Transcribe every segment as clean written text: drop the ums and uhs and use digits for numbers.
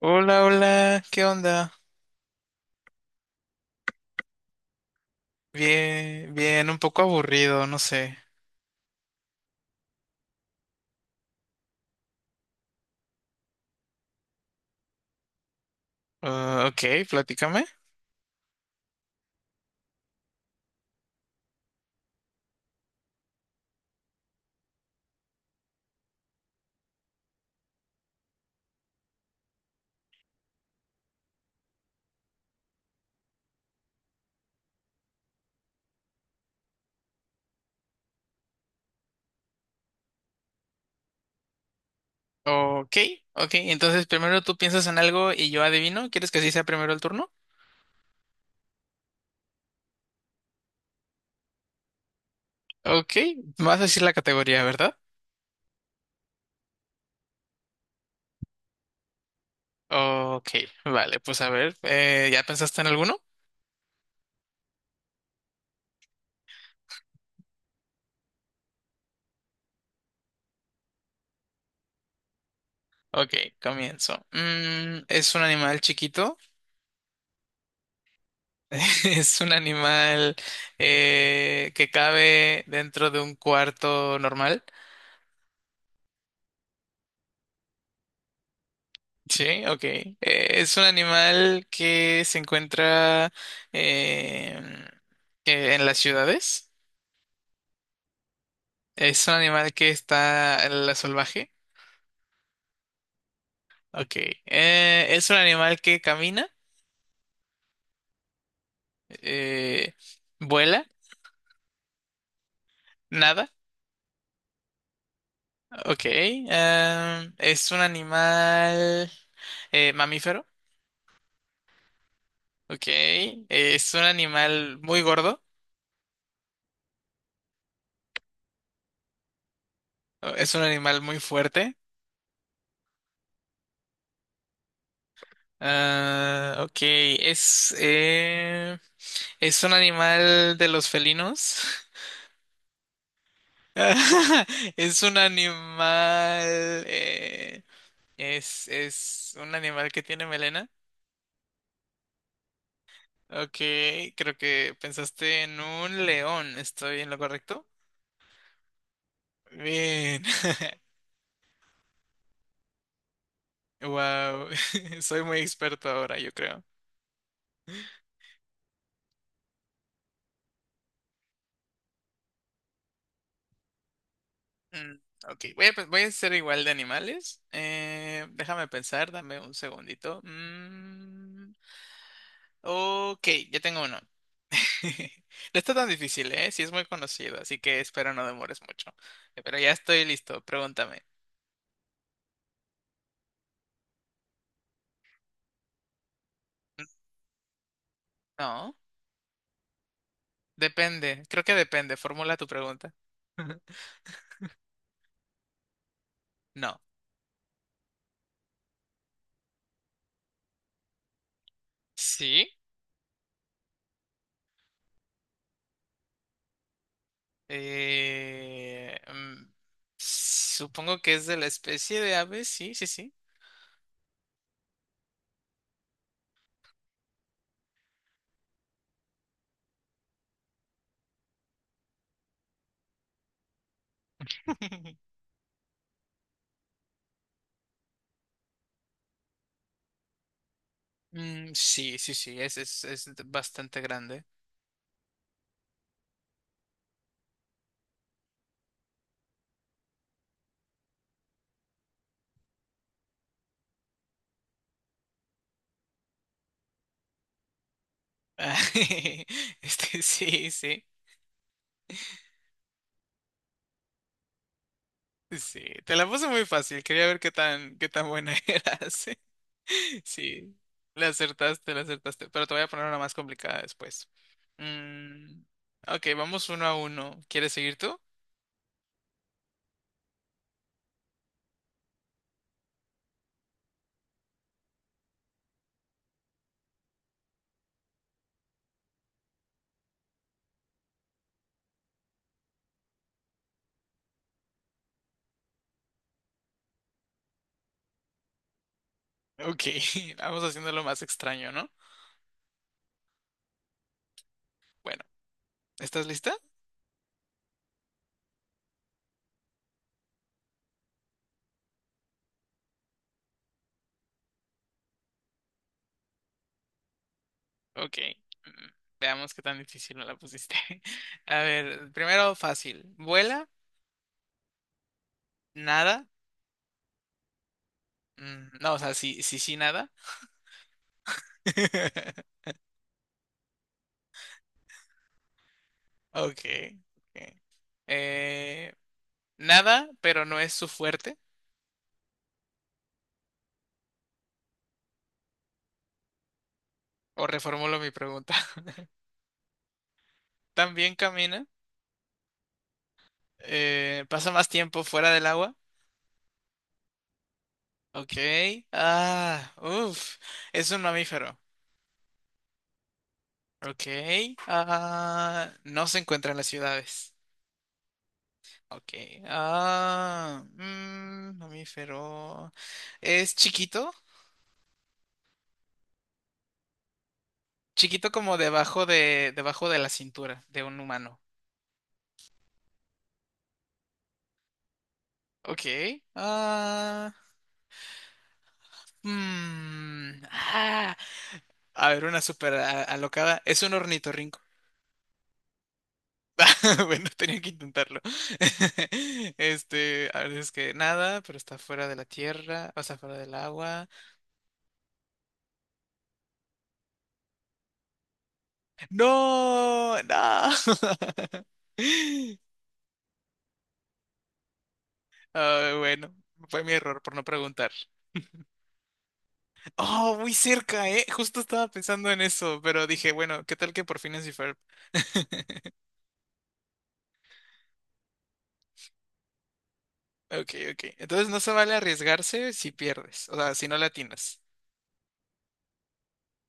Hola, hola, ¿qué onda? Bien, bien, un poco aburrido, no sé. Ah, ok, platícame. Ok, ok, entonces primero tú piensas en algo y yo adivino. ¿Quieres que así sea primero el turno? Ok, me vas a decir la categoría, ¿verdad? Ok, vale, pues a ver, ¿ya pensaste en alguno? Ok, comienzo. Mm, ¿es un animal chiquito? ¿Es un animal que cabe dentro de un cuarto normal? Sí, ok. Es un animal que se encuentra eh, en las ciudades. Es un animal que está en la salvaje. Ok. Es un animal que camina, eh, vuela, nada. Ok. Ah, es un animal mamífero. Ok. Es un animal muy gordo. Es un animal muy fuerte. Ah, ok. ¿Es un animal de los felinos? Es un animal... eh, es un animal que tiene melena. Ok, creo que pensaste en un león. ¿Estoy en lo correcto? Bien. Wow, soy muy experto ahora, yo creo. Mm, ok, voy a hacer igual de animales. Déjame pensar, dame un segundito. Mm, ok, ya tengo uno. No está tan difícil, ¿eh? Sí es muy conocido, así que espero no demores mucho. Pero ya estoy listo, pregúntame. No, depende, creo que depende, formula tu pregunta. No. ¿Sí? Eh, mm, supongo que es de la especie de ave, sí, sí, sí. Mm, sí, sí, sí, es bastante grande. Este, sí, sí. Sí, te la puse muy fácil. Quería ver qué tan buena eras. Sí, la acertaste, la acertaste. Pero te voy a poner una más complicada después. Mm, ok, vamos uno a uno. ¿Quieres seguir tú? Ok, vamos haciendo lo más extraño, ¿no? Bueno, ¿estás lista? Ok. mm, Veamos qué tan difícil me la pusiste. A ver, primero fácil. ¿Vuela? ¿Nada? Mm, no, o sea, sí, sí, sí, nada. Ok. Ok. Eh, nada, pero no es su fuerte. O reformulo mi pregunta. También camina. Pasa más tiempo fuera del agua. Ok. Ah, uff. Es un mamífero. Ok. Ah, no se encuentra en las ciudades. Ok. Mamífero. Es chiquito. Chiquito como debajo de la cintura de un humano. Ok. Ah, mm, ah. A ver, una súper alocada. Es un ornitorrinco. Bueno, tenía que intentarlo. Este, a ver, es que nada, pero está fuera de la tierra, o sea, fuera del agua. ¡No! ¡No! Ah, bueno, fue mi error por no preguntar. ¡Oh, muy cerca, eh! Justo estaba pensando en eso, pero dije, bueno, ¿qué tal que por fin es Ferb? Ok, ok. Entonces no se vale arriesgarse si pierdes, o sea, si no le atinas.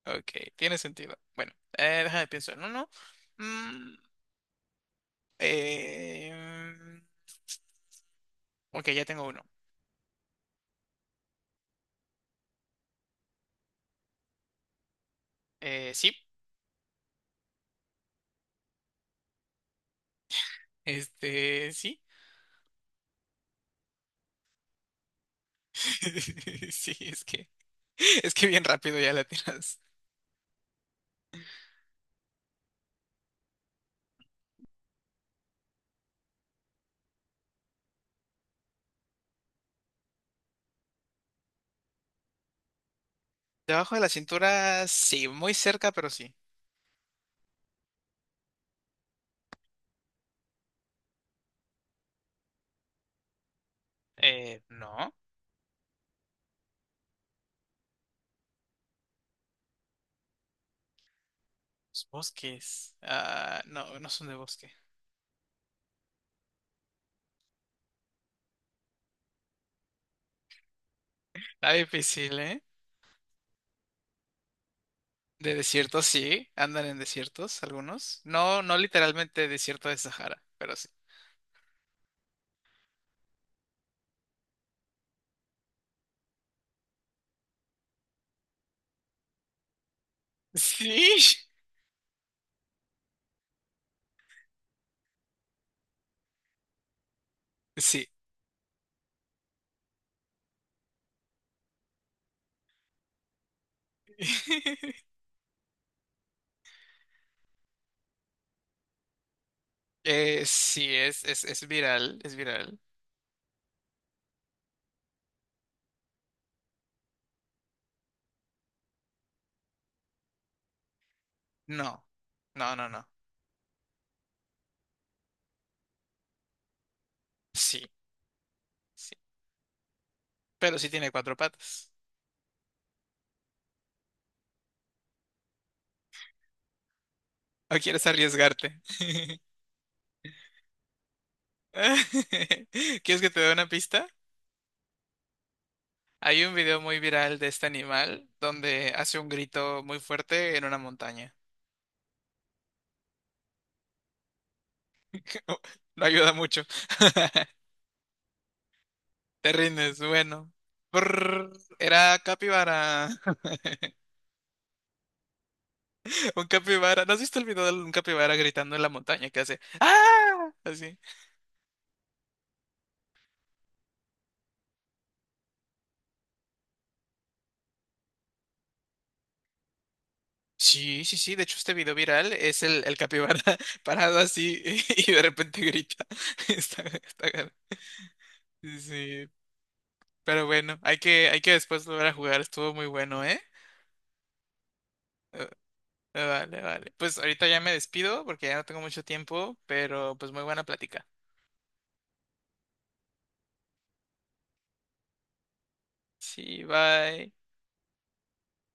Ok, tiene sentido. Bueno, déjame pensar en uno. Mm, eh, ok, ya tengo uno. Sí, este, sí. Sí, es que bien rápido ya la tiras. Debajo de la cintura, sí, muy cerca, pero sí. No, los bosques. Ah, no, no son de bosque. Está difícil, ¿eh? De desiertos, sí, andan en desiertos algunos. No, no literalmente desierto de Sahara, pero sí. Sí. Sí, eh, sí, es viral, es viral. No, no, no, no. Sí, sí. Pero sí tiene cuatro patas. ¿O quieres arriesgarte? ¿Quieres que te dé una pista? Hay un video muy viral de este animal donde hace un grito muy fuerte en una montaña. No ayuda mucho. Te rindes, bueno. Brrr, era capibara. Un capibara. ¿No has visto el video de un capibara gritando en la montaña que hace? ¡Ah! Así. Sí, sí, sí. De hecho, este video viral es el capibara parado así y de repente grita. Está, está gar- Sí, sí, pero bueno, hay que después volver a jugar. Estuvo muy bueno, ¿eh? Eh, Vale, vale. Pues ahorita ya me despido porque ya no tengo mucho tiempo, pero pues muy buena plática. Sí, bye.